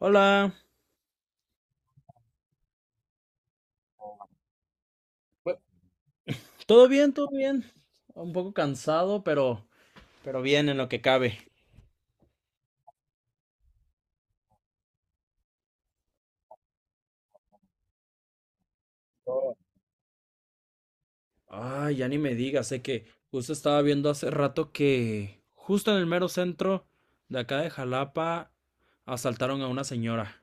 Hola, ¿todo bien? ¿Todo bien? Un poco cansado, pero bien en lo que cabe. Ay, ya ni me digas, sé que justo estaba viendo hace rato que justo en el mero centro de acá de Jalapa asaltaron a una señora.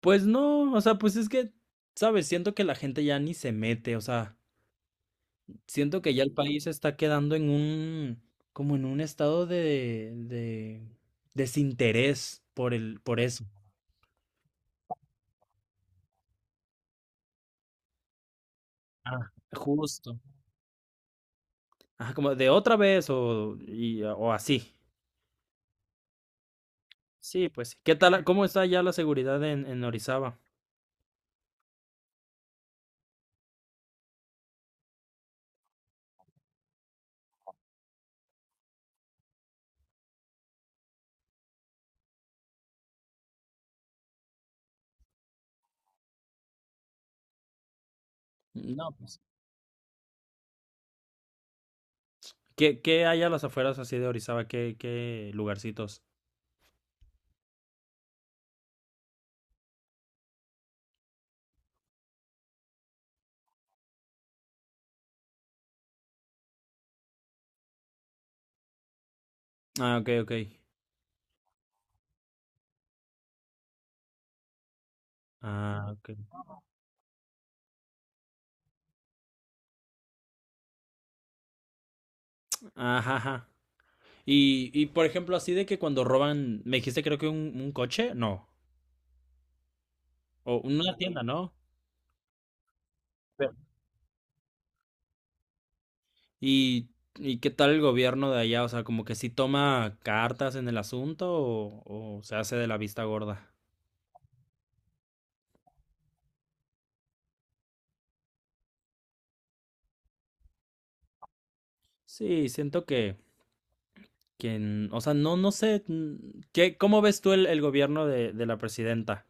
Pues no, o sea, pues es que, sabes, siento que la gente ya ni se mete, o sea, siento que ya el país está quedando en un, como en un estado de desinterés por por eso. Ah, justo. Ajá, como de otra vez o, y, o así. Sí, pues sí. ¿Qué tal? ¿Cómo está ya la seguridad en Orizaba? No, pues. ¿Qué, qué hay a las afueras así de Orizaba? ¿Qué, qué lugarcitos? Ah, ok, ok. Ah, ok. Ajá, ajá. Y por ejemplo, así de que cuando roban, me dijiste creo que un coche, no. O una tienda, ¿no? Pero- ¿Y, y qué tal el gobierno de allá? O sea, como que sí toma cartas en el asunto o se hace de la vista gorda. Sí, siento que quien, o sea, no, no sé, ¿qué, cómo ves tú el gobierno de la presidenta?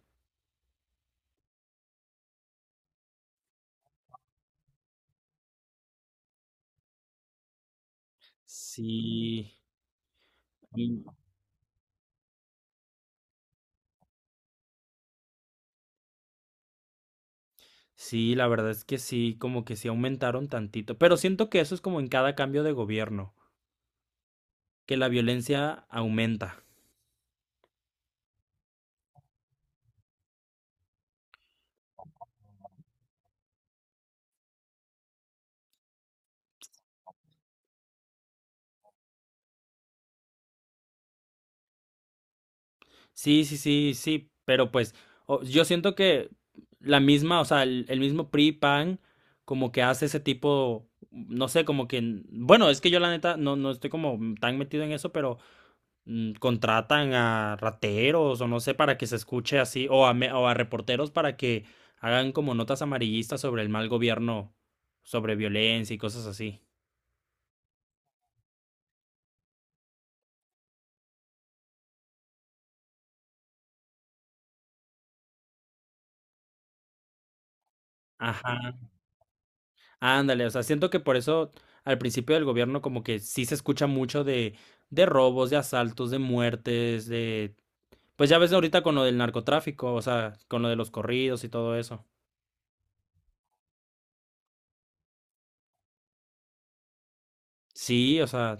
Sí, mm, sí, la verdad es que sí, como que sí aumentaron tantito, pero siento que eso es como en cada cambio de gobierno, que la violencia aumenta. Sí, sí, sí, sí, pero pues o- yo siento que la misma, o sea, el mismo PRI, PAN, como que hace ese tipo, no sé, como que, bueno, es que yo la neta no, no estoy como tan metido en eso, pero... contratan a rateros o no sé para que se escuche así, o a, me- o a reporteros para que hagan como notas amarillistas sobre el mal gobierno, sobre violencia y cosas así. Ajá, ándale, o sea, siento que por eso al principio del gobierno como que sí se escucha mucho de robos, de asaltos, de muertes, de... Pues ya ves ahorita con lo del narcotráfico, o sea, con lo de los corridos y todo eso. Sí, o sea,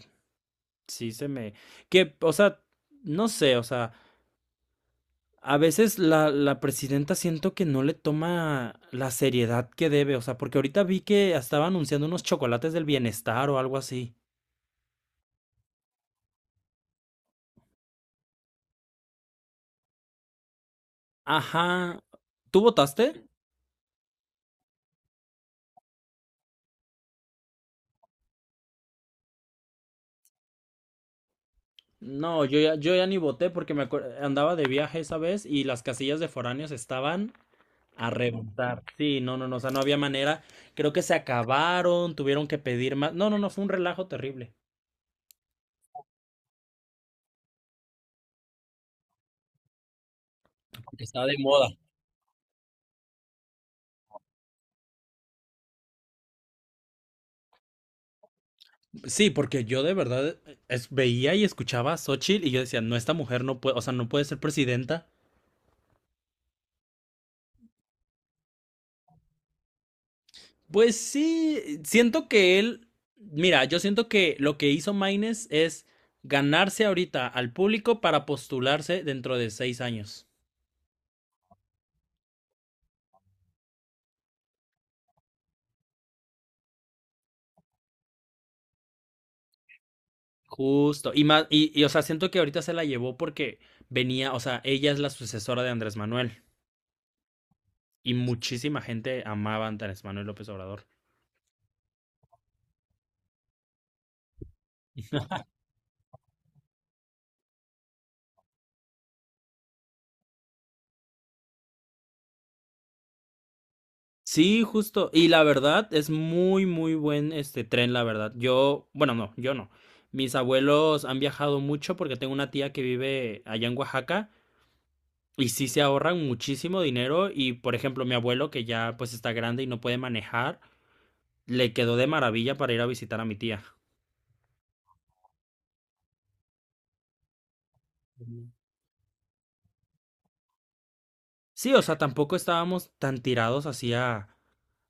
sí se me... Que, o sea, no sé, o sea... A veces la presidenta siento que no le toma la seriedad que debe, o sea, porque ahorita vi que estaba anunciando unos chocolates del bienestar o algo así. Ajá. ¿Tú votaste? No, yo ya ni voté porque me acuer- andaba de viaje esa vez y las casillas de foráneos estaban a reventar. Sí, no, no, no, o sea, no había manera. Creo que se acabaron, tuvieron que pedir más. No, no, no, fue un relajo terrible. Porque está de moda. Sí, porque yo de verdad es- veía y escuchaba a Xochitl y yo decía, no, esta mujer no puede, o sea, no puede ser presidenta. Pues sí, siento que él, mira, yo siento que lo que hizo Maines es ganarse ahorita al público para postularse dentro de 6 años. Justo. Y más, y, o sea, siento que ahorita se la llevó porque venía, o sea, ella es la sucesora de Andrés Manuel y muchísima gente amaba a Andrés Manuel López Obrador. Sí, justo. Y la verdad, es muy, muy buen este tren, la verdad. Yo, bueno, no, yo no. Mis abuelos han viajado mucho porque tengo una tía que vive allá en Oaxaca y sí se ahorran muchísimo dinero. Y, por ejemplo, mi abuelo, que ya pues está grande y no puede manejar, le quedó de maravilla para ir a visitar a mi tía. Ujú. Sí, o sea, tampoco estábamos tan tirados hacia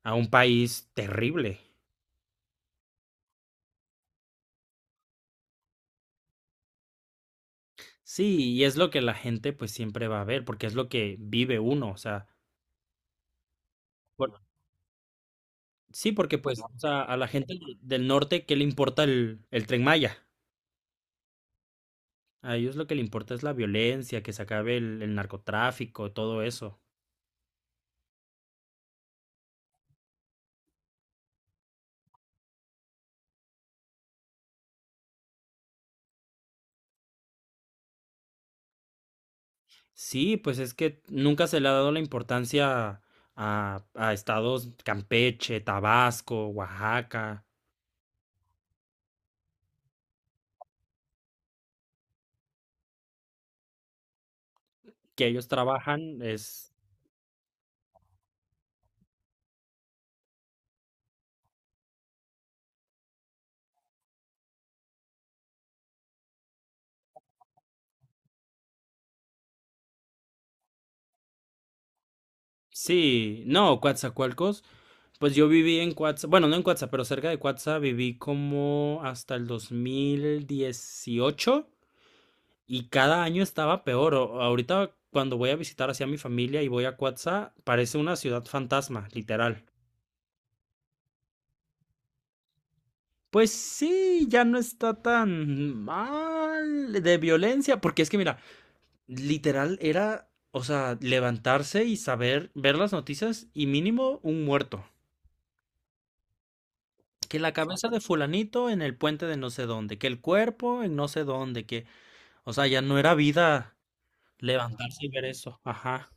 a un país terrible. Sí, y es lo que la gente pues siempre va a ver, porque es lo que vive uno, o sea. Por- sí, porque pues, o sea, a la gente del norte, ¿qué le importa el Tren Maya? A ellos lo que le importa es la violencia, que se acabe el narcotráfico, todo eso. Sí, pues es que nunca se le ha dado la importancia a estados Campeche, Tabasco, Oaxaca, que ellos trabajan, es... Sí, no, Coatzacoalcos, pues yo viví en Coatzacoalcos, bueno, no en Coatzacoalcos, pero cerca de Coatzacoalcos viví como hasta el 2018. Y cada año estaba peor. O- ahorita cuando voy a visitar hacia mi familia y voy a Cuatza, parece una ciudad fantasma, literal. Pues sí, ya no está tan mal de violencia, porque es que mira, literal era, o sea, levantarse y saber, ver las noticias y mínimo un muerto. Que la cabeza de fulanito en el puente de no sé dónde, que el cuerpo en no sé dónde, que, o sea, ya no era vida levantarse y ver eso. Ajá.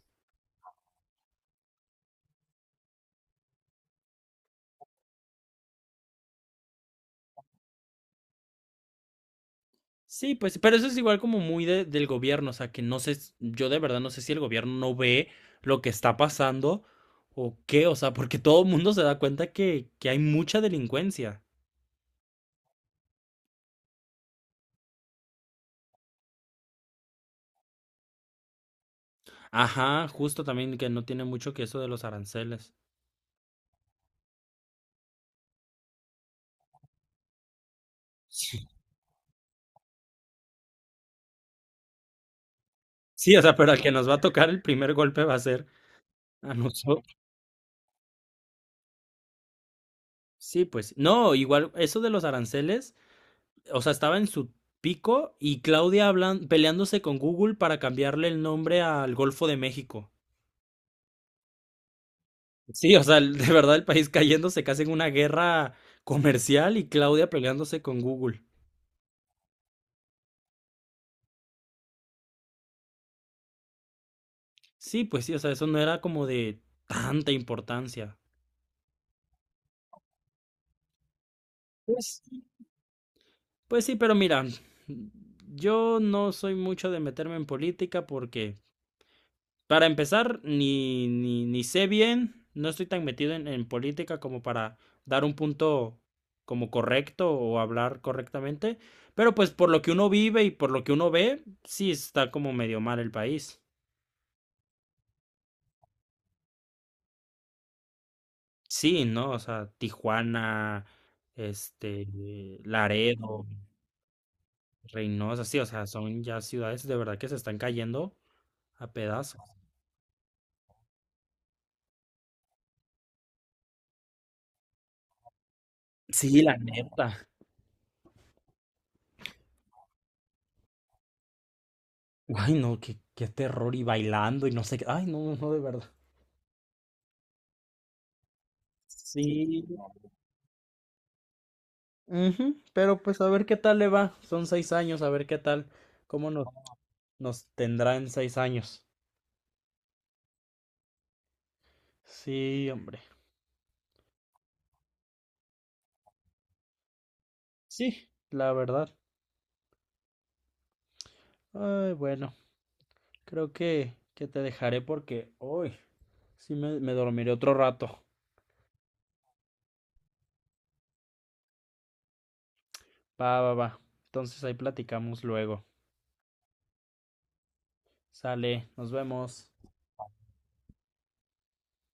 Sí, pues, pero eso es igual como muy de- del gobierno, o sea, que no sé, s- yo de verdad no sé si el gobierno no ve lo que está pasando o qué, o sea, porque todo el mundo se da cuenta que hay mucha delincuencia. Ajá, justo también que no tiene mucho que eso de los aranceles. Sí, sí, o sea, pero al que nos va a tocar el primer golpe va a ser a nosotros. Sí, pues, no, igual eso de los aranceles, o sea, estaba en su pico y Claudia hablan, peleándose con Google para cambiarle el nombre al Golfo de México. Sí, o sea, el- de verdad el país cayéndose casi en una guerra comercial y Claudia peleándose con Google. Sí, pues sí, o sea, eso no era como de tanta importancia. Pues, pues sí, pero mira, yo no soy mucho de meterme en política porque, para empezar, ni, ni, ni sé bien, no estoy tan metido en política como para dar un punto como correcto o hablar correctamente, pero pues por lo que uno vive y por lo que uno ve, sí está como medio mal el país. Sí, ¿no? O sea, Tijuana, este, Laredo, Reynosa, sí, o sea, son ya ciudades de verdad que se están cayendo a pedazos. Sí, la neta. Ay, no, qué, qué terror y bailando y no sé qué. Ay, no, no, no, de verdad. Sí. Ujú, pero pues a ver qué tal le va. Son 6 años, a ver qué tal, cómo nos, nos tendrá en 6 años. Sí, hombre. Sí, la verdad. Ay, bueno, creo que te dejaré porque hoy sí, me dormiré otro rato. Va, va, va. Entonces ahí platicamos luego. Sale, nos vemos.